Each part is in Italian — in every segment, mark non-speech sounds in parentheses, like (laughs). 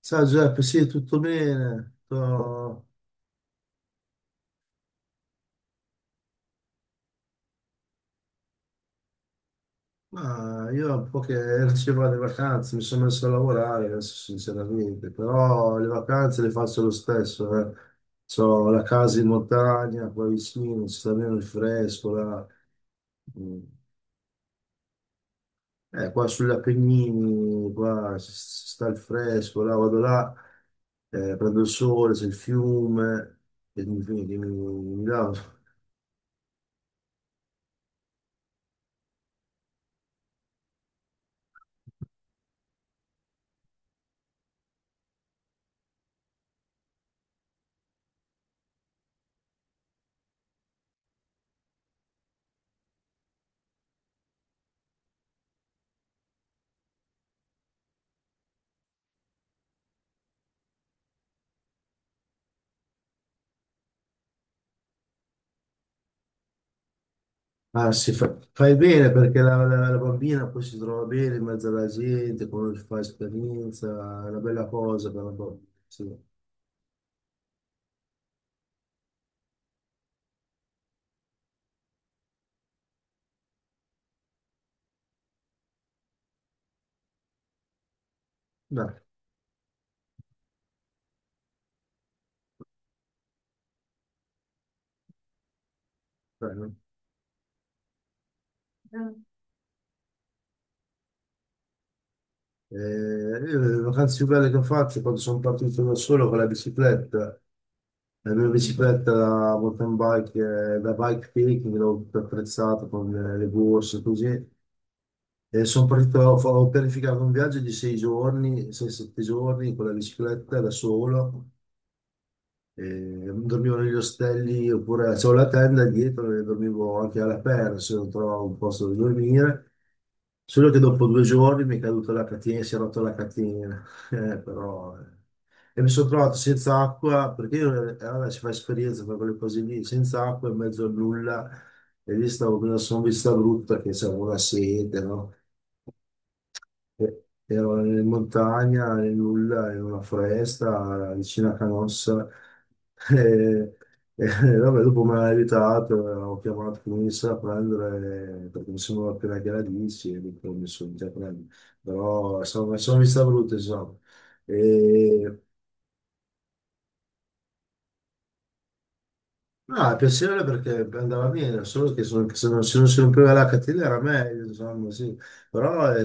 Ciao Giuseppe, sì, tutto bene. Ma io un po' che (laughs) ero circa le vacanze, mi sono messo a lavorare adesso sinceramente, però le vacanze le faccio lo stesso. C'ho la casa in montagna, qua vicino, si sta bene il fresco, là. Mm. Qua sugli Appennini, qua si sta il fresco, là vado là, prendo il sole, c'è il fiume, e mi dà. Ah, sì, fai bene perché la bambina poi si trova bene in mezzo alla gente, quando fa esperienza, è una bella cosa per la bambina. Sì. Dai, bello. Mm. Io le vacanze più belle che ho fatto quando sono partito da solo con la bicicletta, la mia bicicletta da mountain bike, da bike picking, l'ho attrezzata con le borse così. E sono partito, ho pianificato un viaggio di 6 giorni, sei, 7 giorni con la bicicletta da solo. Eh, dormivo negli ostelli oppure avevo la tenda e dietro e dormivo anche all'aperto se non trovavo un posto dove dormire. Solo che dopo 2 giorni mi è caduta la catena, si è rotta la catena. (laughs) Eh, però, eh. E mi sono trovato senza acqua, perché io, vabbè, si fa esperienza per quelle cose lì, senza acqua in mezzo a nulla, e lì stavo con una sonvista brutta che c'avevo la sete, no? Eh, ero in montagna, nel nulla, in una foresta, vicino a Canossa. (laughs) E, e vabbè, dopo mi ha aiutato, ho chiamato comunista a prendere, perché mi sembrava appena che la dici, e dico, mi sono già prendere. Però insomma, sono vista brutta, insomma. E, no, è piacevole perché andava bene, solo che sono- se non si rompeva la catena era meglio, insomma, sì. Però è,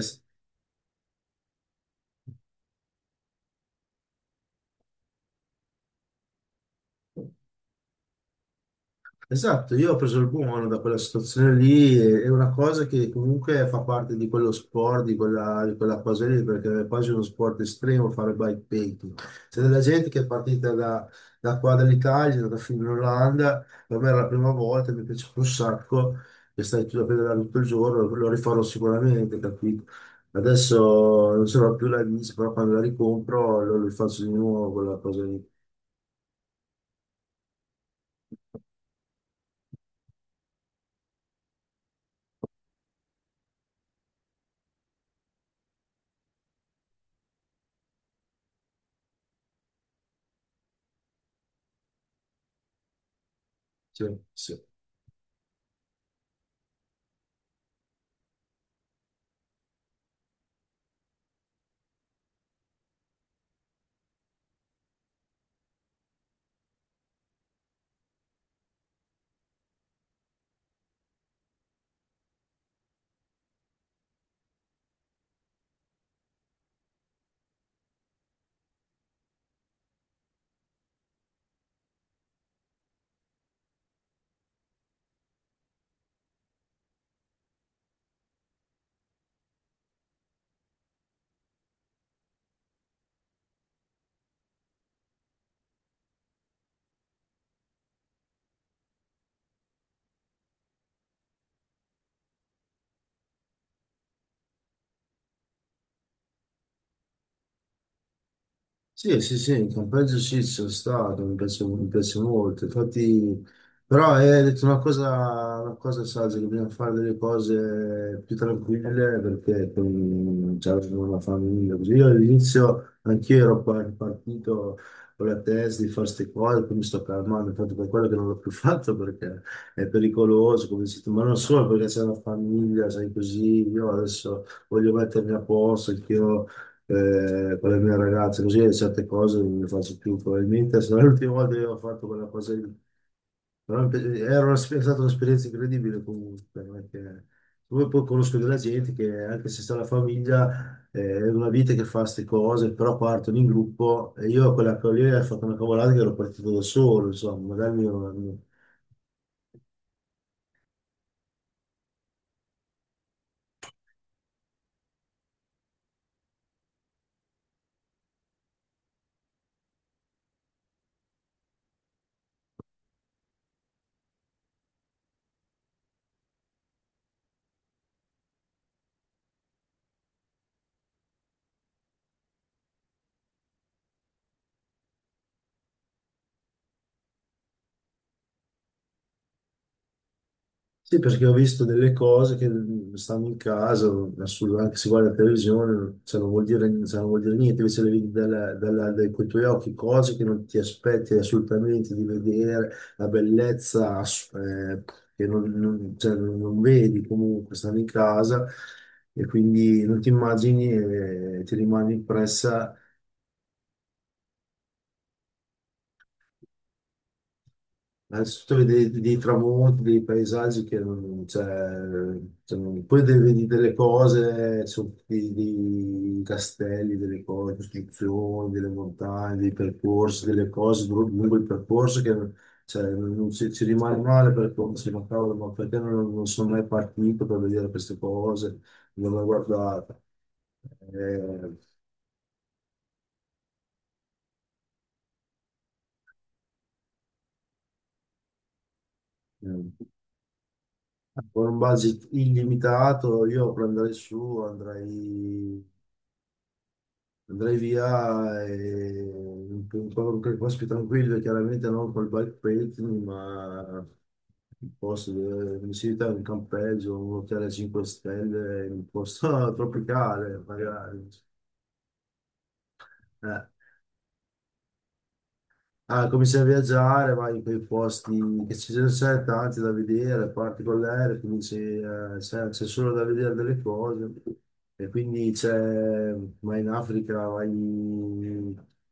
esatto, io ho preso il buono da quella situazione lì, è una cosa che comunque fa parte di quello sport, di quella cosa lì, perché è quasi uno sport estremo fare bikepacking. C'è della gente che è partita da qua dall'Italia, è andata fino in Olanda, per me era la prima volta, mi è piaciuto un sacco, che stai tu a pedalare tutto il giorno, lo rifarò sicuramente, capito? Adesso non ce l'ho più la bici, però quando la ricompro lo faccio di nuovo quella cosa lì. Sì, sì. Sì, sì, sì, in compenso ci sono stato, mi piace molto. Infatti, però è detto una cosa saggia, che bisogna fare delle cose più tranquille perché con, cioè, con la famiglia. Così io all'inizio anch'io ero partito con la testa di fare queste cose, poi mi sto calmando, infatti per quello che non l'ho più (laughs) fatto perché è pericoloso, come si ma non solo perché c'è una famiglia, sai così, io adesso voglio mettermi a posto, anch'io con le mie ragazze, così certe cose non le faccio più probabilmente, se no è l'ultima volta che ho fatto quella cosa lì. Però mi piace- era una- è stata un'esperienza incredibile comunque, perché poi conosco della gente che anche se sta la famiglia è una vita che fa queste cose, però partono in gruppo e io a quella che lì ho fatto una cavolata che ero partito da solo, insomma, magari mi. Sì, perché ho visto delle cose che stanno in casa, assurdo, anche se guarda la televisione, cioè, non vuol dire, cioè, non vuol dire niente, invece le vedi dalla- dalla- dai, con i tuoi occhi, cose che non ti aspetti assolutamente di vedere, la bellezza ass- che non, non- cioè, non- non vedi comunque, stanno in casa e quindi non ti immagini e ti rimane impressa. Innanzitutto vedi dei tramonti, dei paesaggi che non, cioè, cioè, non- poi de- vedi delle cose, su- dei castelli, delle cose, costruzioni, delle montagne, dei percorsi, delle cose lungo il percorso che cioè, non non ci rimane male perché uno si dice, ma cavolo, ma perché non sono mai partito per vedere queste cose, non l'ho guardata. Eh, eh, con un budget illimitato io prenderei su, andrei via e in un po' qualche posto più tranquillo, chiaramente non col bikepacking, ma un posto dove mi si in un campeggio, un hotel a 5 stelle, in un posto (laughs) tropicale, magari. Eh. Ah, cominci a viaggiare, vai in quei posti che ci sono sempre tanti da vedere, parti con l'aereo, cominci, c'è solo da vedere delle cose. E quindi c'è, vai in Africa, vai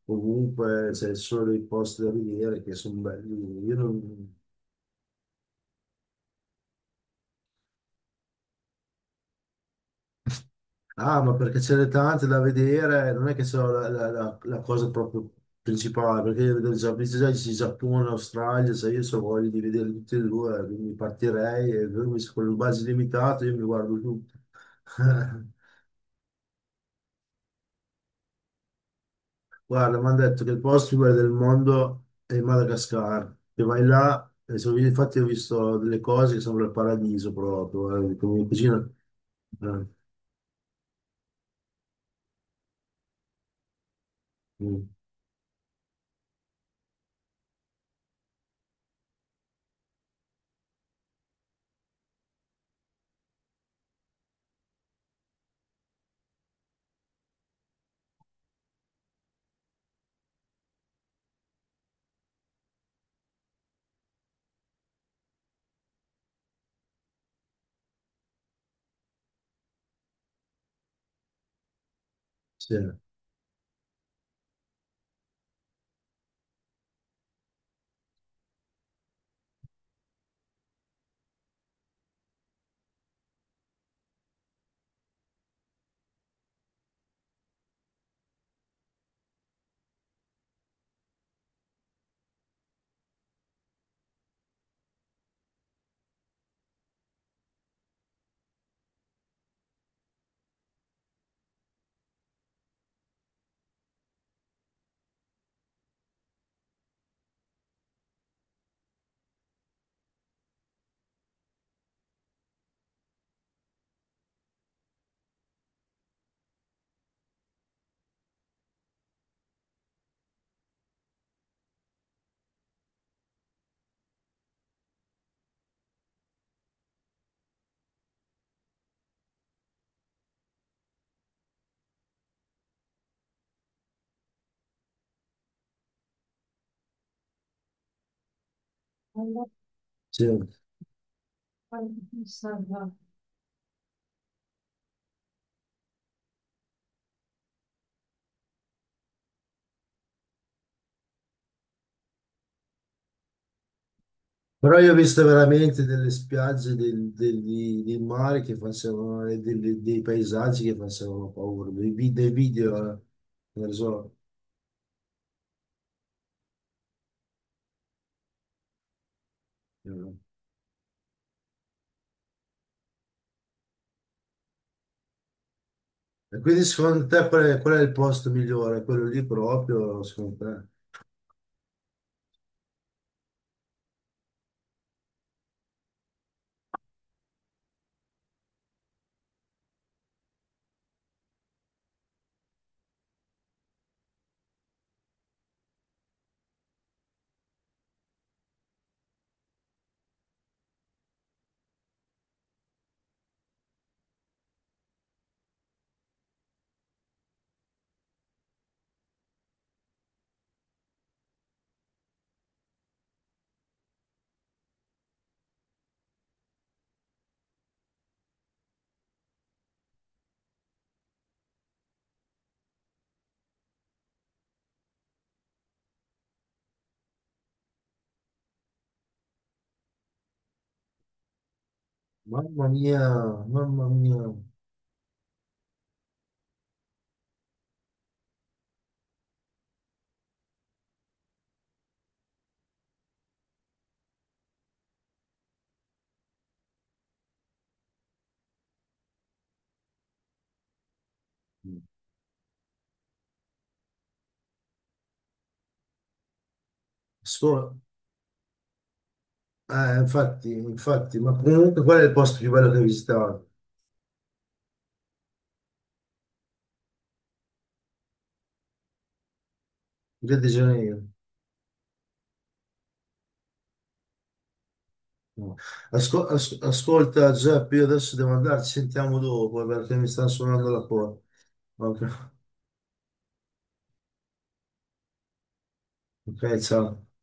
ovunque, c'è solo dei posti da vedere che sono belli. Io non, ah, ma perché ce n'è tante da vedere, non è che so la, la- la- la cosa proprio principale, perché io vedo già, visto già il Giappone, l'Australia, se io so voglio di vedere tutti e due, quindi partirei e lui se con il budget limitato io mi guardo tutto. (laughs) Guarda, mi hanno detto che il posto più bello del mondo è il Madagascar, che vai là, e so- infatti ho visto delle cose che sembrano il paradiso proprio, come cucina. Eh, mm, sì, sì. Però io ho visto veramente delle spiagge del, del- di- del mare che facevano, e delle- dei paesaggi che facevano paura, dei, vi- dei video, non so. Eh. E quindi secondo te qual è il posto migliore? Quello lì proprio, secondo te? Mamma mia, mamma mia. Scusa, infatti, infatti, ma comunque qual è il posto più bello che hai visitato? Rio de Janeiro. No. Asco- as- ascolta Giuseppe, io adesso devo andare, ci sentiamo dopo perché mi stanno suonando la porta. Ok, ok, ciao.